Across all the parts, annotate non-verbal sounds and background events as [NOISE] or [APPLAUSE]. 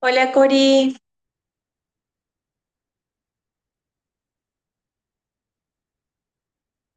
Hola Cori,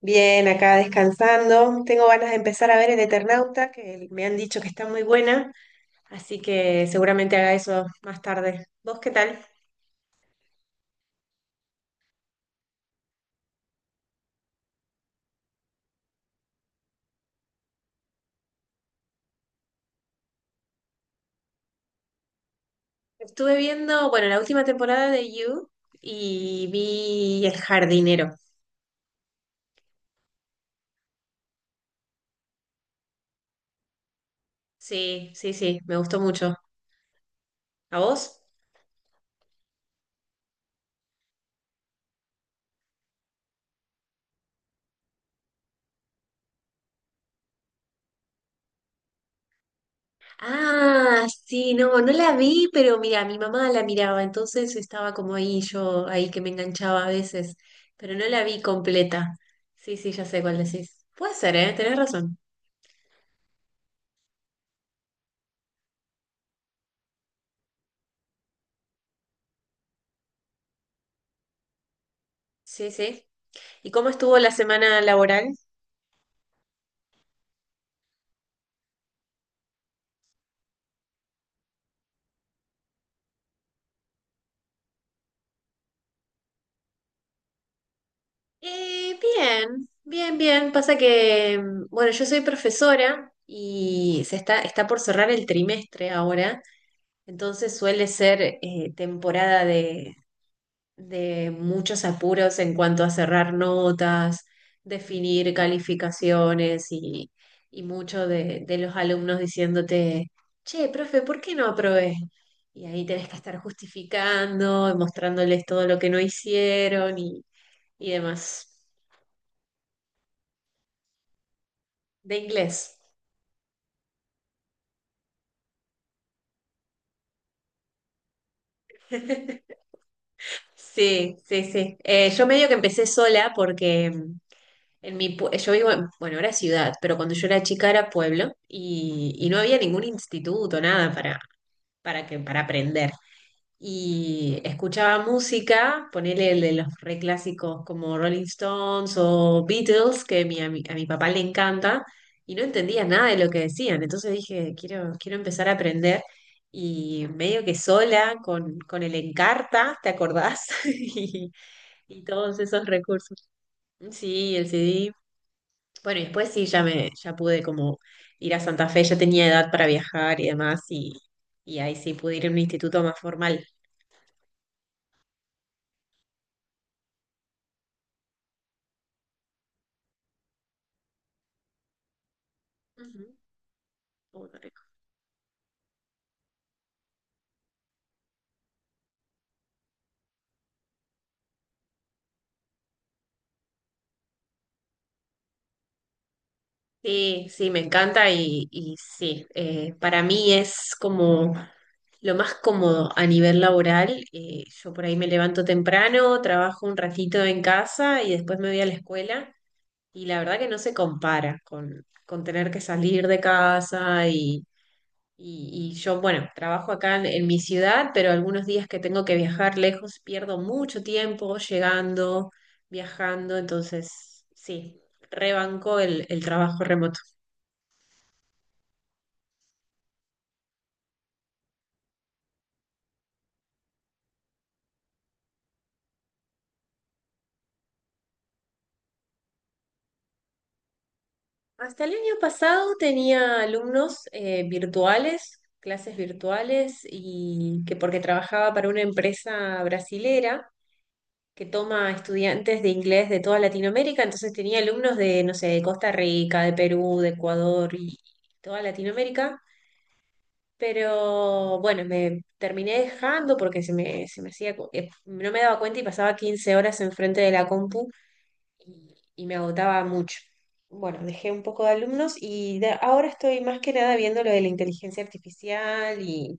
bien acá descansando. Tengo ganas de empezar a ver El Eternauta, que me han dicho que está muy buena, así que seguramente haga eso más tarde. ¿Vos qué tal? Estuve viendo, bueno, la última temporada de You y vi El Jardinero. Sí, sí, sí, me gustó mucho. ¿A vos? Ah, sí, no, no la vi, pero mira, mi mamá la miraba, entonces estaba como ahí, yo ahí que me enganchaba a veces, pero no la vi completa. Sí, sí, ya sé cuál decís. Puede ser, ¿eh? Tenés razón. Sí, sí. ¿Y cómo estuvo la semana laboral? Bien, bien, bien. Pasa que, bueno, yo soy profesora y está por cerrar el trimestre ahora, entonces suele ser temporada de muchos apuros en cuanto a cerrar notas, definir calificaciones y mucho de los alumnos diciéndote, che, profe, ¿por qué no aprobé? Y ahí tenés que estar justificando, y mostrándoles todo lo que no hicieron y demás. De inglés. [LAUGHS] Sí, sí, sí. Yo medio que empecé sola porque yo vivo en, bueno, era ciudad, pero cuando yo era chica era pueblo y no había ningún instituto, nada para aprender. Y escuchaba música, ponele el de los reclásicos como Rolling Stones o Beatles, que mi- a mi, a mi papá le encanta, y no entendía nada de lo que decían. Entonces dije, quiero empezar a aprender y medio que sola con el Encarta, ¿te acordás? [LAUGHS] Y todos esos recursos. Sí, el CD. Bueno, y después sí, ya pude como ir a Santa Fe, ya tenía edad para viajar y demás, y ahí sí pude ir a un instituto más formal. Ujú. Sí, sí, me encanta y sí, para mí es como lo más cómodo a nivel laboral. Yo por ahí me levanto temprano, trabajo un ratito en casa y después me voy a la escuela y la verdad que no se compara con tener que salir de casa y yo, bueno, trabajo acá en mi ciudad, pero algunos días que tengo que viajar lejos pierdo mucho tiempo llegando, viajando, entonces sí, rebanco el trabajo remoto. Hasta el año pasado tenía alumnos virtuales, clases virtuales, y que porque trabajaba para una empresa brasilera que toma estudiantes de inglés de toda Latinoamérica, entonces tenía alumnos de, no sé, de Costa Rica, de Perú, de Ecuador y toda Latinoamérica. Pero bueno, me terminé dejando porque se me hacía, no me daba cuenta y pasaba 15 horas enfrente de la compu y me agotaba mucho. Bueno, dejé un poco de alumnos ahora estoy más que nada viendo lo de la inteligencia artificial y,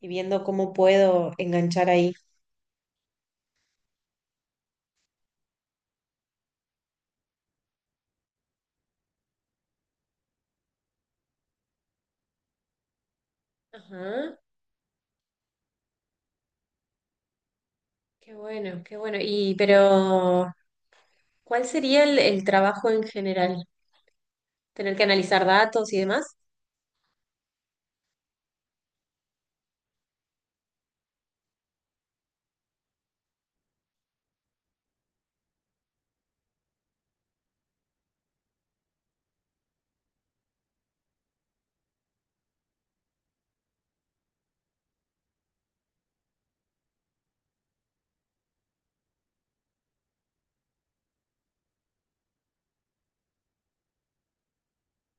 y viendo cómo puedo enganchar ahí. Ajá, qué bueno, qué bueno. Y pero, ¿cuál sería el trabajo en general? ¿Tener que analizar datos y demás?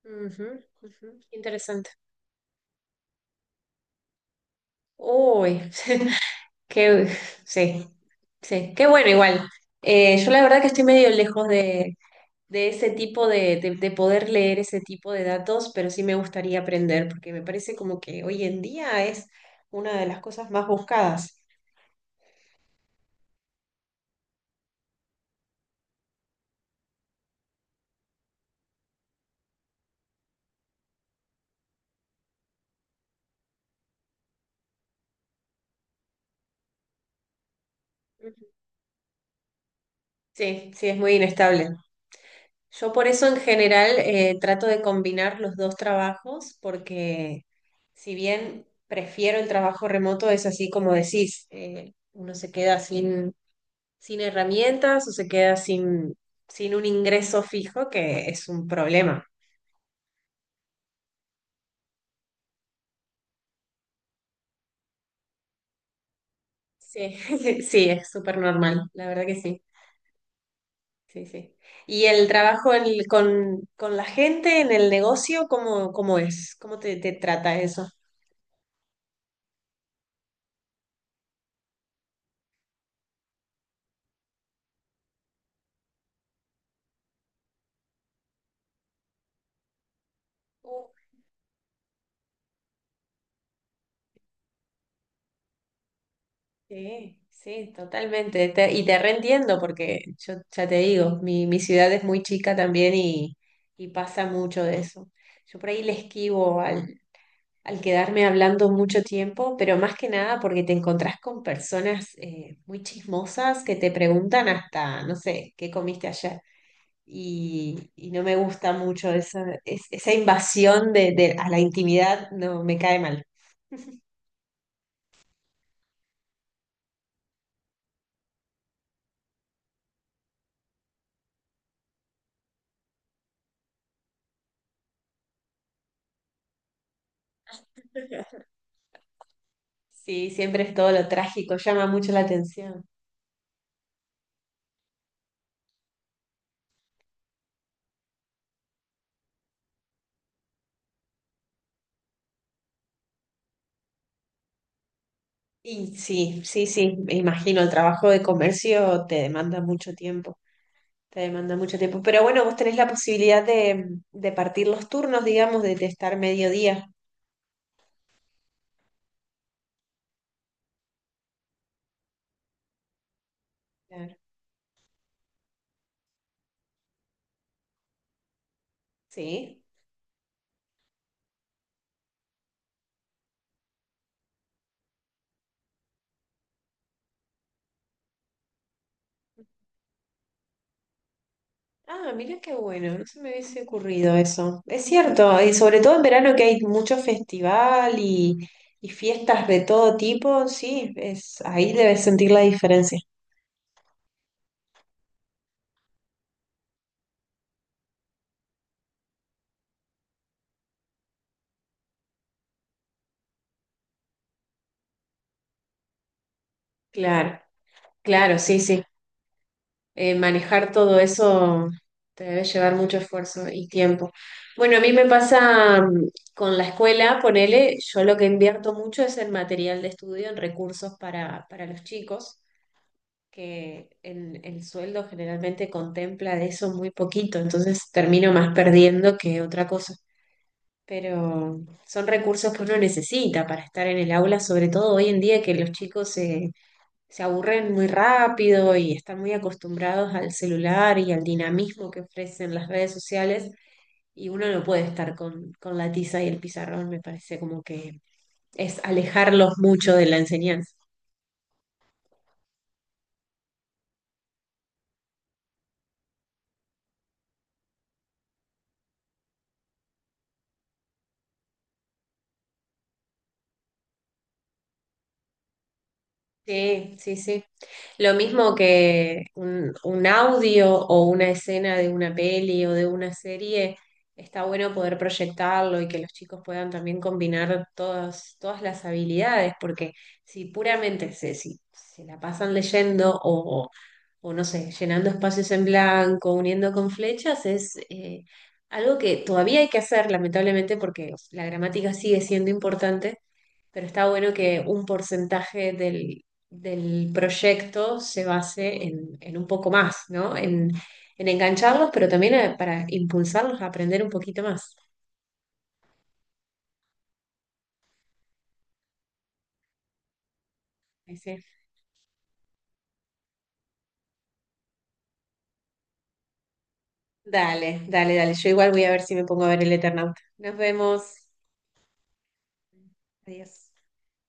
Ujú, ujú, interesante. Uy, [LAUGHS] qué, sí, sí, qué bueno igual. Yo la verdad que estoy medio lejos de ese tipo de poder leer ese tipo de datos, pero sí me gustaría aprender, porque me parece como que hoy en día es una de las cosas más buscadas. Ujú. Sí, sí, es muy inestable. Yo por eso en general trato de combinar los dos trabajos, porque si bien prefiero el trabajo remoto, es así como decís, uno se queda sin herramientas o se queda sin un ingreso fijo, que es un problema. Sí, [LAUGHS] sí, es súper normal, la verdad que sí, sí, sí. ¿Y el trabajo con la gente en el negocio, cómo es? ¿Cómo te trata eso? Uh, Sí, sí, totalmente. Y te reentiendo porque yo ya te digo, mi ciudad es muy chica también y pasa mucho de eso. Yo por ahí le esquivo al quedarme hablando mucho tiempo, pero más que nada porque te encontrás con personas muy chismosas que te preguntan hasta, no sé, ¿qué comiste ayer? Y no me gusta mucho esa invasión a la intimidad, no me cae mal. [LAUGHS] Sí, siempre es todo lo trágico, llama mucho la atención. Y sí, sí, sí, me imagino, el trabajo de comercio te demanda mucho tiempo, te demanda mucho tiempo. Pero bueno, vos tenés la posibilidad de partir los turnos, digamos, de estar mediodía. Claro. Sí. Ah, mira qué bueno, no se me hubiese ocurrido eso. Es cierto, y sobre todo en verano que hay mucho festival y fiestas de todo tipo, sí, es, ahí debes sentir la diferencia. Claro, claro, sí, sí. Manejar todo eso te debe llevar mucho esfuerzo y tiempo. Bueno, a mí me pasa con la escuela, ponele, yo lo que invierto mucho es en material de estudio, en recursos para los chicos, que el sueldo generalmente contempla de eso muy poquito, entonces termino más perdiendo que otra cosa. Pero son recursos que uno necesita para estar en el aula, sobre todo hoy en día que los chicos se aburren muy rápido y están muy acostumbrados al celular y al dinamismo que ofrecen las redes sociales y uno no puede estar con la tiza y el pizarrón, me parece como que es alejarlos mucho de la enseñanza. Sí, sí, sí. Lo mismo que un audio o una escena de una peli o de una serie, está bueno poder proyectarlo y que los chicos puedan también combinar todas, todas las habilidades, porque si puramente se, si, se la pasan leyendo o no sé, llenando espacios en blanco, uniendo con flechas, es algo que todavía hay que hacer, lamentablemente, porque la gramática sigue siendo importante pero está bueno que un porcentaje del proyecto se base en un poco más, ¿no? En engancharlos, pero también para impulsarlos a aprender un poquito más. Ahí sí. Dale, dale, dale. Yo igual voy a ver si me pongo a ver el Eternauta. Nos vemos. Adiós.